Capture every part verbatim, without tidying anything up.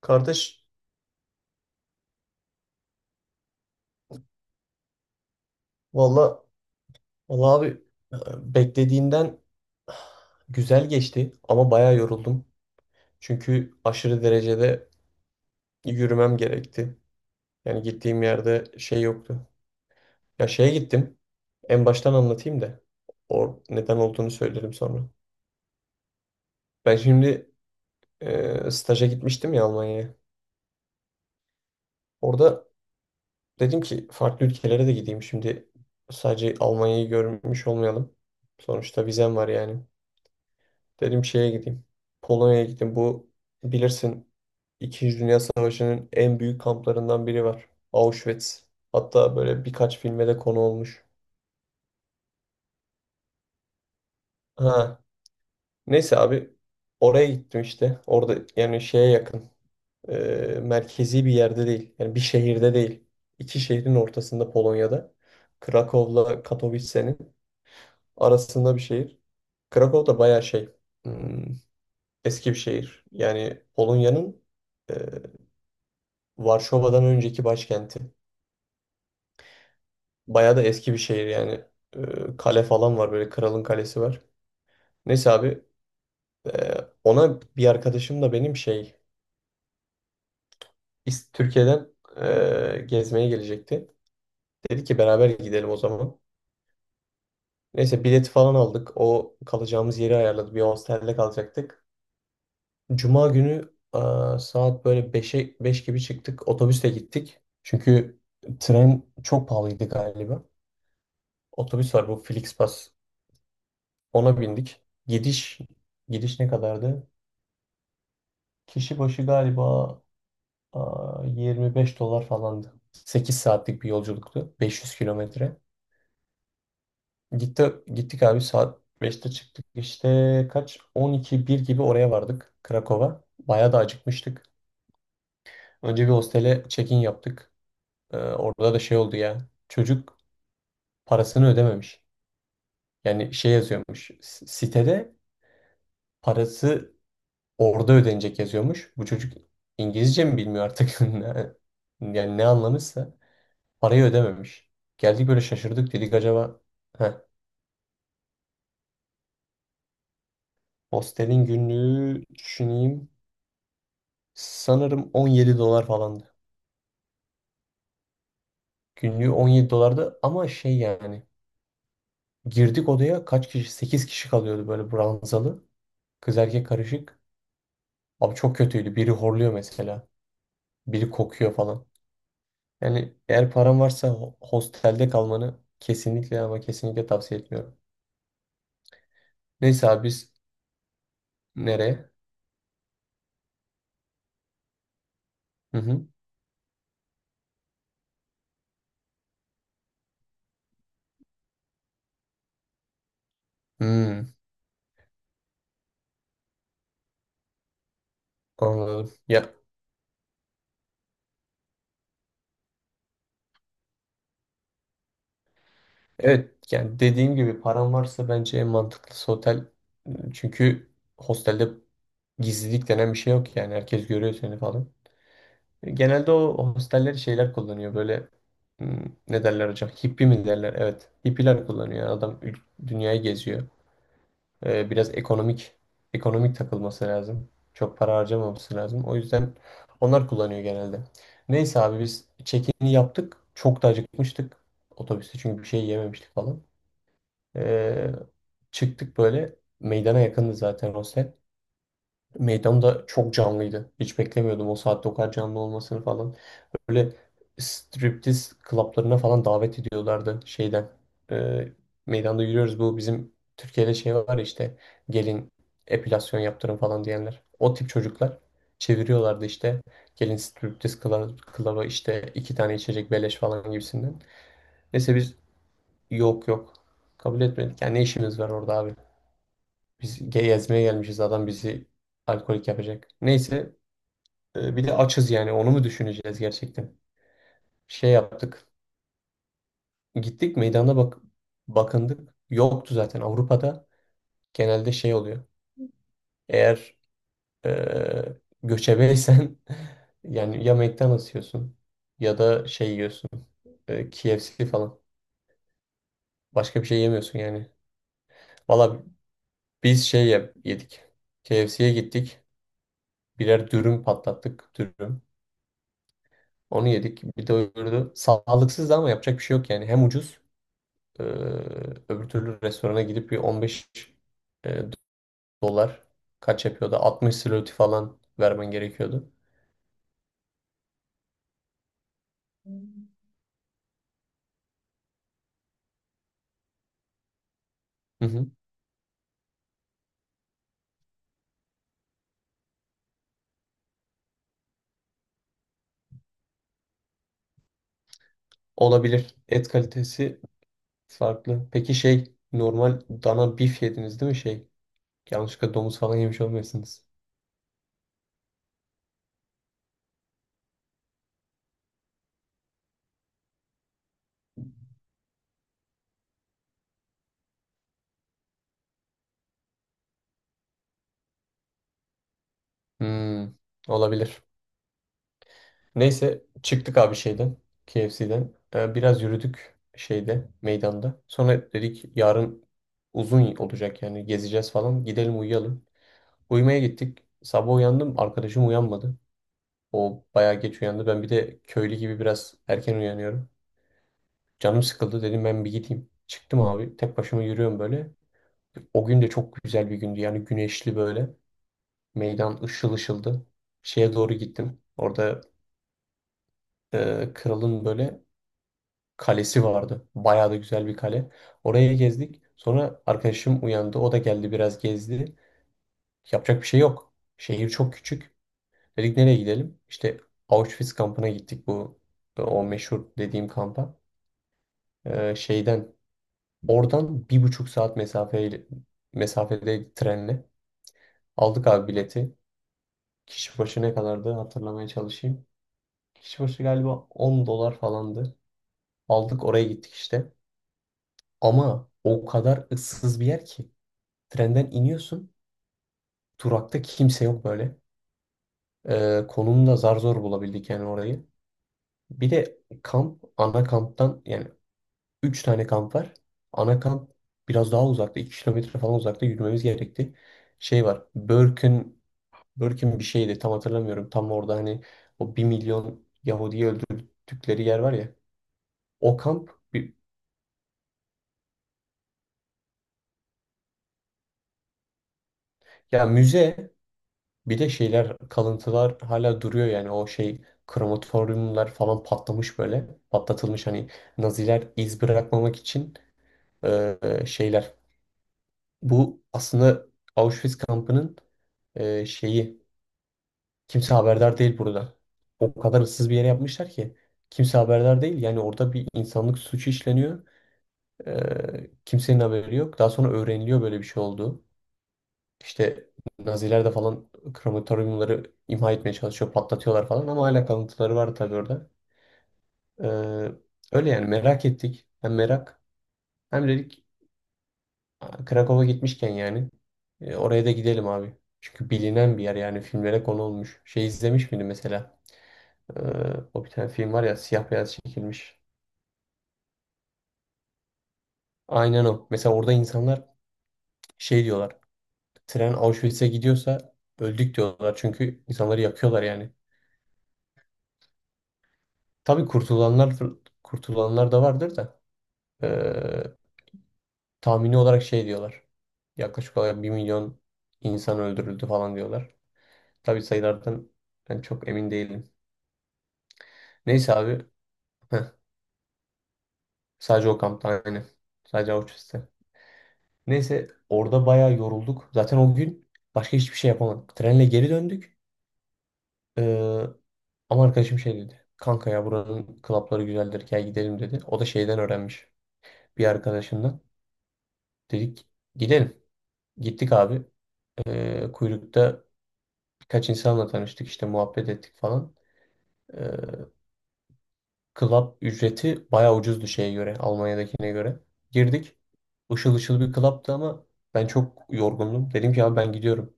Kardeş, valla valla abi, e, beklediğimden güzel geçti ama bayağı yoruldum. Çünkü aşırı derecede yürümem gerekti. Yani gittiğim yerde şey yoktu. Ya şeye gittim. En baştan anlatayım da or neden olduğunu söylerim sonra. Ben şimdi e, staja gitmiştim ya Almanya'ya. Orada dedim ki farklı ülkelere de gideyim. Şimdi sadece Almanya'yı görmüş olmayalım. Sonuçta vizem var yani. Dedim şeye gideyim. Polonya'ya gittim. Bu bilirsin İkinci Dünya Savaşı'nın en büyük kamplarından biri var, Auschwitz. Hatta böyle birkaç filme de konu olmuş. Ha. Neyse abi oraya gittim işte. Orada yani şeye yakın. e, merkezi bir yerde değil. Yani bir şehirde değil. İki şehrin ortasında Polonya'da. Krakow'la Katowice'nin arasında bir şehir. Krakow da bayağı şey. hmm, eski bir şehir. Yani Polonya'nın Varşova'dan önceki başkenti. Bayağı da eski bir şehir yani. Ee, kale falan var, böyle kralın kalesi var. Neyse abi, e, ona bir arkadaşım da benim şey, İs- Türkiye'den e, gezmeye gelecekti. Dedi ki beraber gidelim o zaman. Neyse bileti falan aldık. O kalacağımız yeri ayarladı. Bir hostelde kalacaktık. Cuma günü, e, saat böyle beşe beş gibi çıktık. Otobüsle gittik. Çünkü tren çok pahalıydı galiba. Otobüs var, bu Flixbus. Ona bindik. Gidiş gidiş ne kadardı? Kişi başı galiba, aa, yirmi beş dolar falandı. Sekiz saatlik bir yolculuktu. beş yüz kilometre. Gitti, gittik abi, saat beşte çıktık. İşte kaç? on iki bir gibi oraya vardık, Krakow'a. Bayağı da acıkmıştık. Önce bir hostele check-in yaptık. Ee, orada da şey oldu ya. Çocuk parasını ödememiş. Yani şey yazıyormuş. s- Sitede parası orada ödenecek yazıyormuş. Bu çocuk İngilizce mi bilmiyor artık? Ne- Yani ne anlamışsa parayı ödememiş. Geldik böyle şaşırdık, dedik acaba. heh, Hostelin günlüğü, düşüneyim, sanırım on yedi dolar falandı. Günlüğü on yedi dolardı ama şey yani, girdik odaya kaç kişi? Sekiz kişi kalıyordu, böyle ranzalı. Kız erkek karışık. Abi çok kötüydü. Biri horluyor mesela. Biri kokuyor falan. Yani eğer paran varsa ho- hostelde kalmanı kesinlikle, ama kesinlikle tavsiye etmiyorum. Neyse abi biz, nereye? Hı hı. Hmm, anladım. Ya evet, yani dediğim gibi, param varsa bence en mantıklısı otel. Çünkü hostelde gizlilik denen bir şey yok, yani herkes görüyor seni falan. E, Genelde o hosteller şeyler kullanıyor, böyle, hmm, ne derler hocam? Hippie mi derler? Evet. Hippiler kullanıyor. Adam ül- dünyayı geziyor. Ee, biraz ekonomik, ekonomik takılması lazım. Çok para harcamaması lazım. O yüzden onlar kullanıyor genelde. Neyse abi, biz check-in'i yaptık. Çok da acıkmıştık. Otobüste çünkü bir şey yememiştik falan. Ee, çıktık böyle meydana, yakındı zaten hostel. Meydan da çok canlıydı. Hiç beklemiyordum o saatte o kadar canlı olmasını falan. Böyle striptiz klaplarına falan davet ediyorlardı şeyden. Ee, meydanda yürüyoruz. Bu bizim Türkiye'de şey var ya işte, gelin epilasyon yaptırın falan diyenler. O tip çocuklar çeviriyorlardı işte. Gelin striptiz kla- klaba işte, iki tane içecek beleş falan gibisinden. Neyse biz, yok, yok, kabul etmedik. Yani ne işimiz var orada abi? Biz ge- gezmeye gelmişiz, adam bizi alkolik yapacak. Neyse e, bir de açız yani, onu mu düşüneceğiz gerçekten? Şey yaptık. Gittik meydana, bak bakındık. Yoktu. Zaten Avrupa'da genelde şey oluyor. Eğer eee göçebeysen, yani ya McDonald's yiyorsun, ya da şey yiyorsun, eee, K F C falan. Başka bir şey yemiyorsun yani. Valla biz şey ye- yedik. K F C'ye gittik. Birer dürüm patlattık. Dürüm. Onu yedik. Bir de öbürü sağlıksız ama yapacak bir şey yok yani. Hem ucuz, eee öbür türlü restorana gidip bir on beş dolar, kaç yapıyordu, altmış zloty falan vermen gerekiyordu. Hı hı. Olabilir. Et kalitesi farklı. Peki şey, normal dana bif yediniz değil mi şey? Yanlışlıkla domuz falan yemiş olmayasınız. Hmm, olabilir. Neyse, çıktık abi şeyden, K F C'den. Ee, biraz yürüdük şeyde, meydanda. Sonra dedik yarın uzun olacak yani, gezeceğiz falan. Gidelim uyuyalım. Uyumaya gittik. Sabah uyandım, arkadaşım uyanmadı. O bayağı geç uyandı. Ben bir de köylü gibi biraz erken uyanıyorum. Canım sıkıldı, dedim ben bir gideyim. Çıktım abi, tek başıma yürüyorum böyle. O gün de çok güzel bir gündü. Yani güneşli böyle. Meydan ışıl ışıldı. Şeye doğru gittim. Orada e, kralın böyle kalesi vardı. Bayağı da güzel bir kale. Oraya gezdik. Sonra arkadaşım uyandı. O da geldi, biraz gezdi. Yapacak bir şey yok. Şehir çok küçük. Dedik nereye gidelim? İşte Auschwitz kampına gittik, bu o meşhur dediğim kampa. Ee, şeyden, oradan bir buçuk saat mesafe mesafede trenle, aldık abi bileti. Kişi başı ne kadardı, hatırlamaya çalışayım. Kişi başı galiba on dolar falandı. Aldık, oraya gittik işte. Ama o kadar ıssız bir yer ki. Trenden iniyorsun. Durakta kimse yok böyle. Ee, konumu zar zor bulabildik yani orayı. Bir de kamp ana kamptan yani, üç tane kamp var. Ana kamp biraz daha uzakta. iki kilometre falan uzakta, yürümemiz gerekti. Şey var, Börkün, Börkün bir şeydi, tam hatırlamıyorum. Tam orada hani o bir milyon Yahudi'yi öldürdükleri yer var ya. O kamp, bir, ya müze, bir de şeyler, kalıntılar hala duruyor yani. O şey, krematoryumlar falan patlamış böyle. Patlatılmış, hani Naziler iz bırakmamak için e, şeyler. Bu aslında Auschwitz kampının e, şeyi. Kimse haberdar değil burada. O kadar ıssız bir yere yapmışlar ki. Kimse haberdar değil. Yani orada bir insanlık suçu işleniyor. Ee, kimsenin haberi yok. Daha sonra öğreniliyor böyle bir şey olduğu. İşte Naziler de falan krematoryumları imha etmeye çalışıyor. Patlatıyorlar falan ama hala kalıntıları var tabii orada. Ee, öyle yani, merak ettik. Hem merak, hem dedik, "Aa, Krakow'a gitmişken yani e, oraya da gidelim abi." Çünkü bilinen bir yer yani, filmlere konu olmuş. Şey izlemiş miydin mesela? Ee, o bir tane film var ya, siyah beyaz çekilmiş. Aynen o. Mesela orada insanlar şey diyorlar. Tren Auschwitz'e gidiyorsa öldük diyorlar. Çünkü insanları yakıyorlar yani. Tabii kurtulanlar, kurtulanlar da vardır da, ee, tahmini olarak şey diyorlar. Yaklaşık olarak bir milyon insan öldürüldü falan diyorlar. Tabii sayılardan ben çok emin değilim. Neyse abi. Heh, sadece o kampta, aynı. Sadece Auschwitz'te. Neyse, orada bayağı yorulduk. Zaten o gün başka hiçbir şey yapamadık. Trenle geri döndük. Ee, ama arkadaşım şey dedi. Kanka ya buranın klapları güzeldir, gel gidelim dedi. O da şeyden öğrenmiş, bir arkadaşından. Dedik gidelim. Gittik abi. Ee, kuyrukta birkaç insanla tanıştık işte, muhabbet ettik falan. Ee, club ücreti bayağı ucuzdu, şeye göre, Almanya'dakine göre. Girdik. Işıl ışıl bir club'tı ama ben çok yorgundum. Dedim ki abi ben gidiyorum.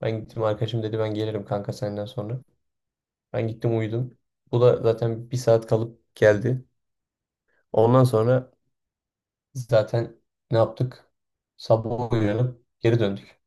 Ben gittim, arkadaşım dedi ben gelirim kanka senden sonra. Ben gittim uyudum. Bu da zaten bir saat kalıp geldi. Ondan sonra zaten ne yaptık? Sabah uyanıp geri döndük.